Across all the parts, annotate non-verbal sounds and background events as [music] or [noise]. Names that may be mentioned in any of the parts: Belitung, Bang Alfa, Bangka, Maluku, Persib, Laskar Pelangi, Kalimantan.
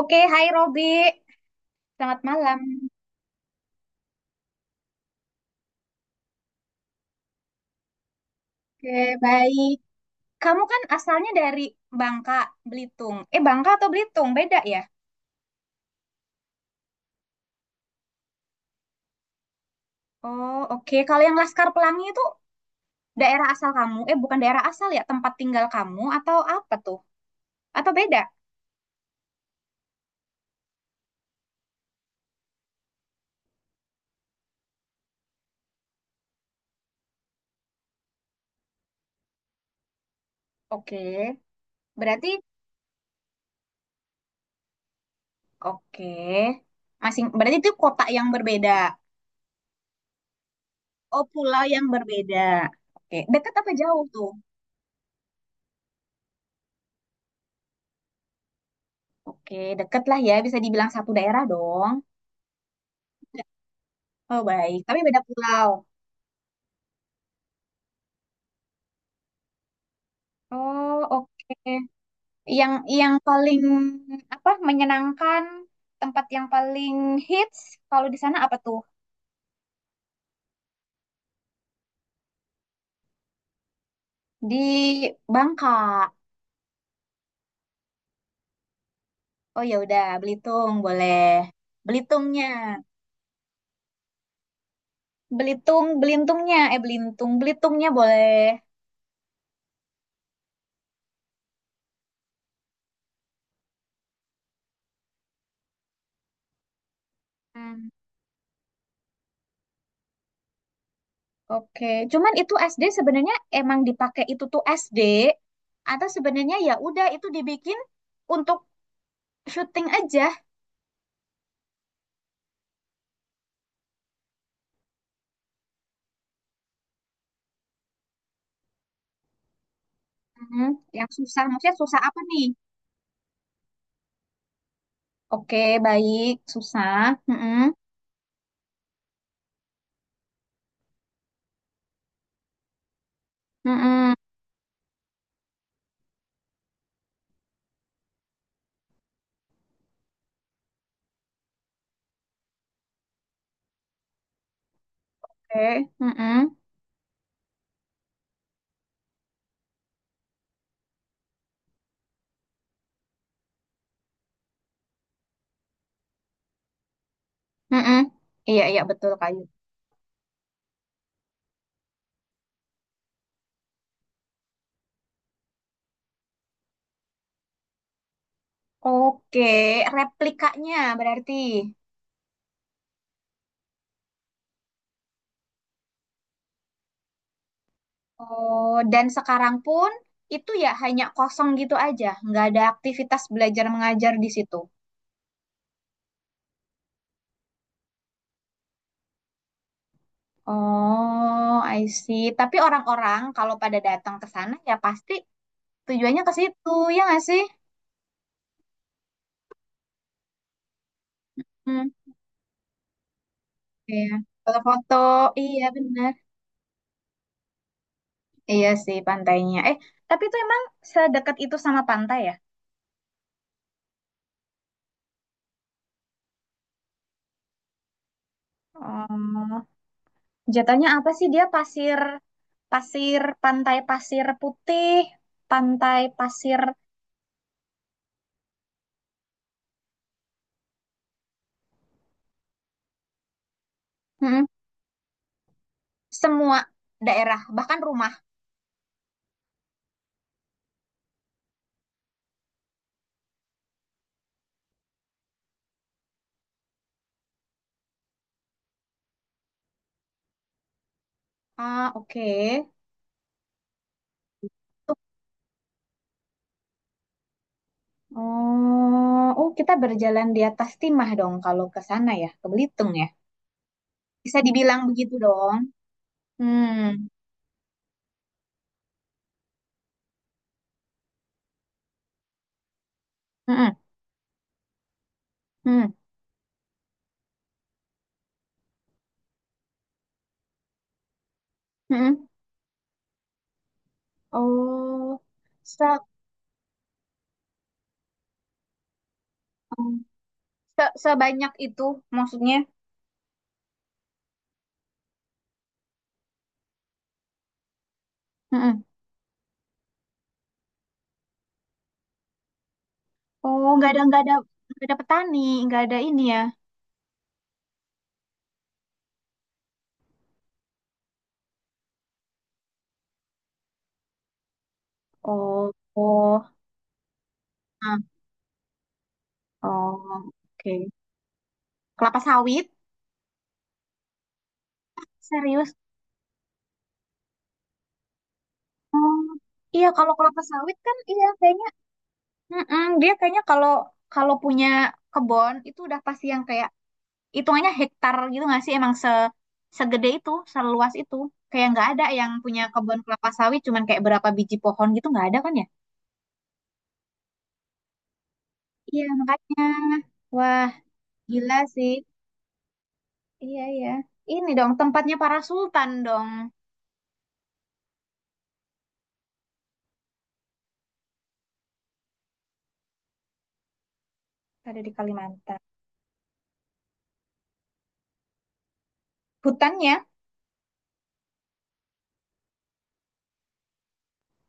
Oke, hai Robi. Selamat malam. Oke, baik. Kamu kan asalnya dari Bangka, Belitung. Eh, Bangka atau Belitung? Beda ya? Oh, oke. Kalau yang Laskar Pelangi itu daerah asal kamu. Eh, bukan daerah asal ya, tempat tinggal kamu atau apa tuh? Atau beda? Oke. Berarti, oke. Berarti itu kota yang berbeda. Oh, pulau yang berbeda. Oke. Dekat apa jauh tuh? Oke, deket lah ya. Bisa dibilang satu daerah dong. Oh, baik. Tapi beda pulau. Oh, oke. Yang yang paling apa menyenangkan, tempat yang paling hits kalau di sana apa tuh? Di Bangka. Oh ya udah, Belitung boleh. Belitungnya. Belitung, Belintungnya, eh Belitung, Belitungnya boleh. Hmm, oke. Cuman itu SD sebenarnya emang dipakai itu tuh SD atau sebenarnya ya udah itu dibikin untuk syuting aja. Hmm, yang susah maksudnya susah apa nih? Oke, baik, susah. Mm-mm. Mm-mm. Oke, mm-mm. Mm-mm. Iya, iya, betul, kayu. Oke, replikanya berarti. Oh, dan sekarang pun itu ya hanya kosong gitu aja, nggak ada aktivitas belajar mengajar di situ. Oh, I see. Tapi orang-orang kalau pada datang ke sana ya pasti tujuannya ke situ, ya nggak sih? Hmm, iya. Foto-foto, iya benar. Iya sih pantainya. Eh, tapi itu emang sedekat itu sama pantai ya? Oh, jatuhnya apa sih dia pasir, pasir, pantai pasir putih, pantai pasir. Mm-mm. Semua daerah, bahkan rumah. Ah, oke. Tuh. Oh, oh kita berjalan di atas timah dong kalau ke sana ya, ke Belitung ya. Bisa dibilang begitu dong. Hmm, mm-mm. Hmm. Mm-mm. Oh, so, sebanyak itu maksudnya. Mm-mm. Oh, nggak ada petani, nggak ada ini ya. Oh, oh, ah, oh, oke. Kelapa sawit? Serius? Oh, iya, kalau kelapa sawit kan iya kayaknya. Mm-mm, dia kayaknya kalau kalau punya kebun itu udah pasti yang kayak hitungannya hektar gitu nggak sih? Emang segede itu, seluas itu. Kayak nggak ada yang punya kebun kelapa sawit cuman kayak berapa biji pohon gitu nggak ada kan ya? Iya makanya. Wah, gila sih. Iya, iya. Ini dong tempatnya para sultan dong. Ada di Kalimantan. Hutannya?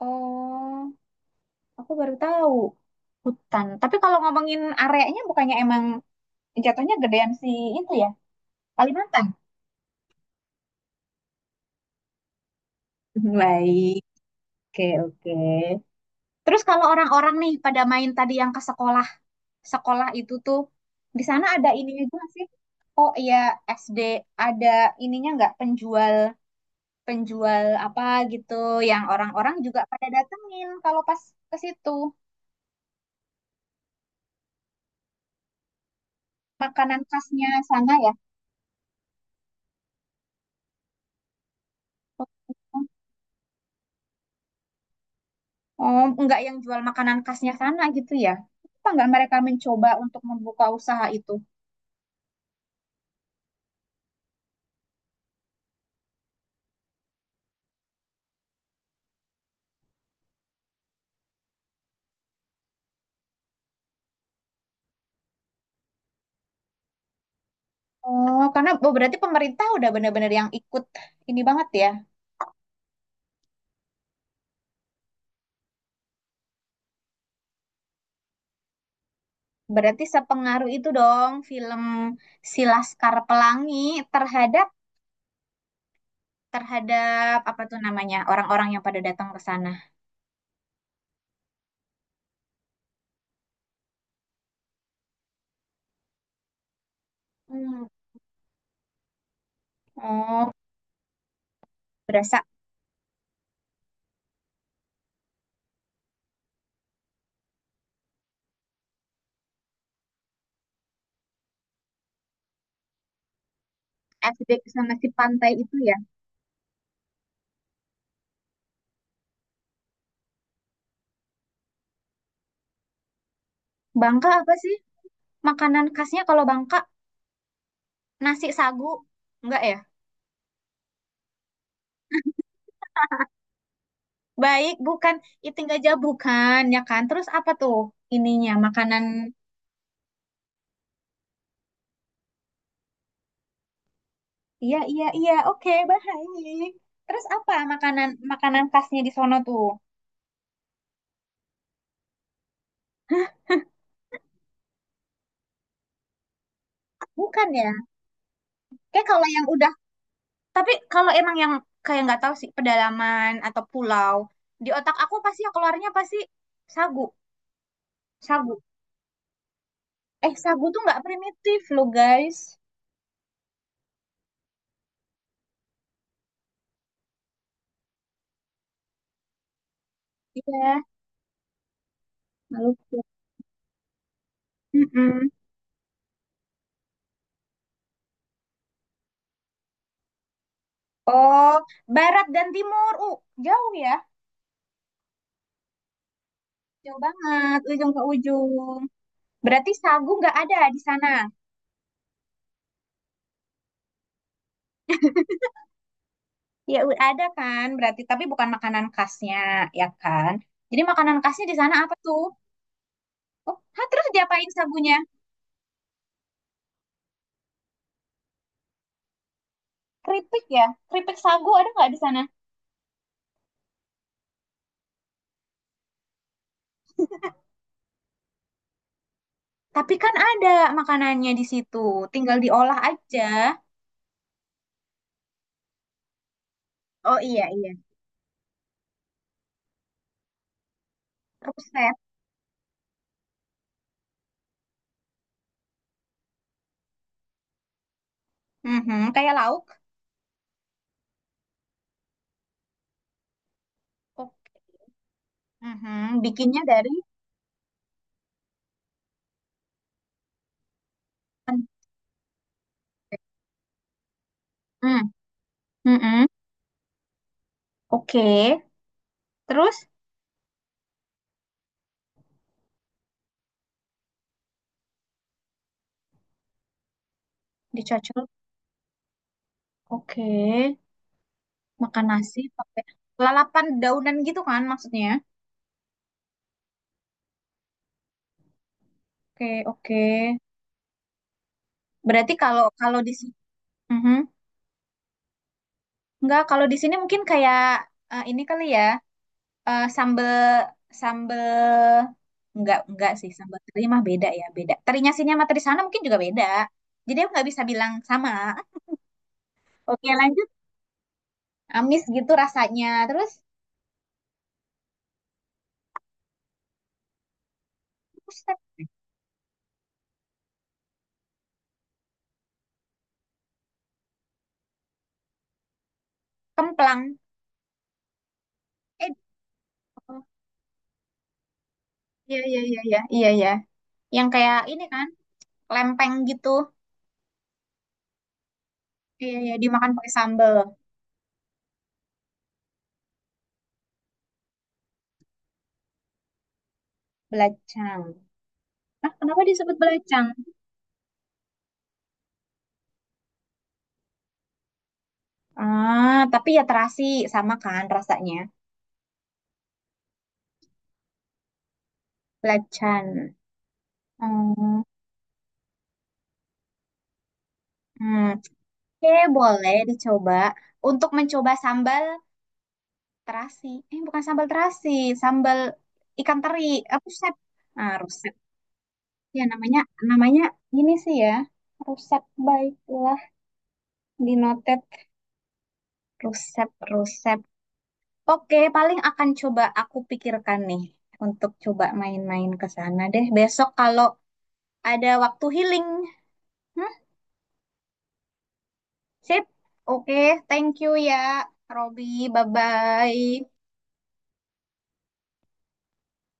Oh, aku baru tahu. Hutan. Tapi kalau ngomongin areanya bukannya emang jatuhnya gedean si itu ya? Kalimantan. [laughs] Baik. Oke, oke. Terus kalau orang-orang nih pada main tadi yang ke sekolah, sekolah itu tuh di sana ada ininya juga sih. Oh iya, SD ada ininya nggak penjual penjual apa gitu yang orang-orang juga pada datengin kalau pas ke situ makanan khasnya sana ya. Oh nggak, yang jual makanan khasnya sana gitu ya, apa nggak mereka mencoba untuk membuka usaha itu? Oh karena, oh, berarti pemerintah udah bener-bener yang ikut ini banget ya. Berarti sepengaruh itu dong film Si Laskar Pelangi terhadap terhadap apa tuh namanya, orang-orang yang pada datang ke sana. Hmm. Oh berasa FD sama si pantai itu ya. Bangka apa sih makanan khasnya kalau Bangka? Nasi sagu? Enggak ya? Baik, bukan. Itu enggak jauh, bukan ya kan? Terus apa tuh ininya makanan? Iya, iya, iya. Oke, baik. Terus apa makanan makanan khasnya di sono tuh? Bukan ya? Kayak kalau yang udah, tapi kalau emang yang kayak nggak tahu sih pedalaman atau pulau, di otak aku pasti yang keluarnya pasti sagu, sagu. Eh, sagu tuh nggak primitif loh guys. Iya. Maluku. Mm-mm. Oh, barat dan timur. Jauh ya. Jauh banget, ujung ke ujung. Berarti sagu nggak ada di sana. Ya, ada kan. Berarti, tapi bukan makanan khasnya, ya kan? Jadi makanan khasnya di sana apa tuh? Oh, hah, terus diapain sagunya? Keripik ya? Keripik sagu ada nggak di sana? Tapi kan ada makanannya di situ. Tinggal diolah aja. Oh iya, iya. Ruset. Mhm, kayak lauk. Oh, mhm, bikinnya dari. Mm. Mm-mm. Oke, terus dicocol. Oke, makan nasi pakai lalapan daunan gitu kan maksudnya. Oke, oke. Berarti kalau kalau di sini, enggak, kalau di sini mungkin kayak, eh, ini kali ya, eh, sambel sambel enggak sih, sambal teri mah beda ya, beda. Terinya sini sama teri sana mungkin juga beda. Jadi aku nggak bisa bilang sama. Oke, lanjut. Amis gitu rasanya. terus kemplang. Eh, iya iya iya iya iya iya. Yang kayak ini kan, lempeng gitu. Iya, iya, dimakan pakai sambal. Belacang. Nah, kenapa disebut belacang? Ah, tapi ya terasi sama kan rasanya. Belacan. Oh, hmm. Oke, boleh dicoba. Untuk mencoba sambal terasi. Eh, bukan sambal terasi, sambal ikan teri. Eh, ruset. Ah, ruset. Ya, namanya namanya ini sih ya. Ruset baiklah, dinotet. Ruset, ruset. Oke, paling akan coba aku pikirkan nih untuk coba main-main ke sana deh. Besok kalau ada waktu healing. Hmm, sip. Oke, thank you ya, Robby. Bye-bye.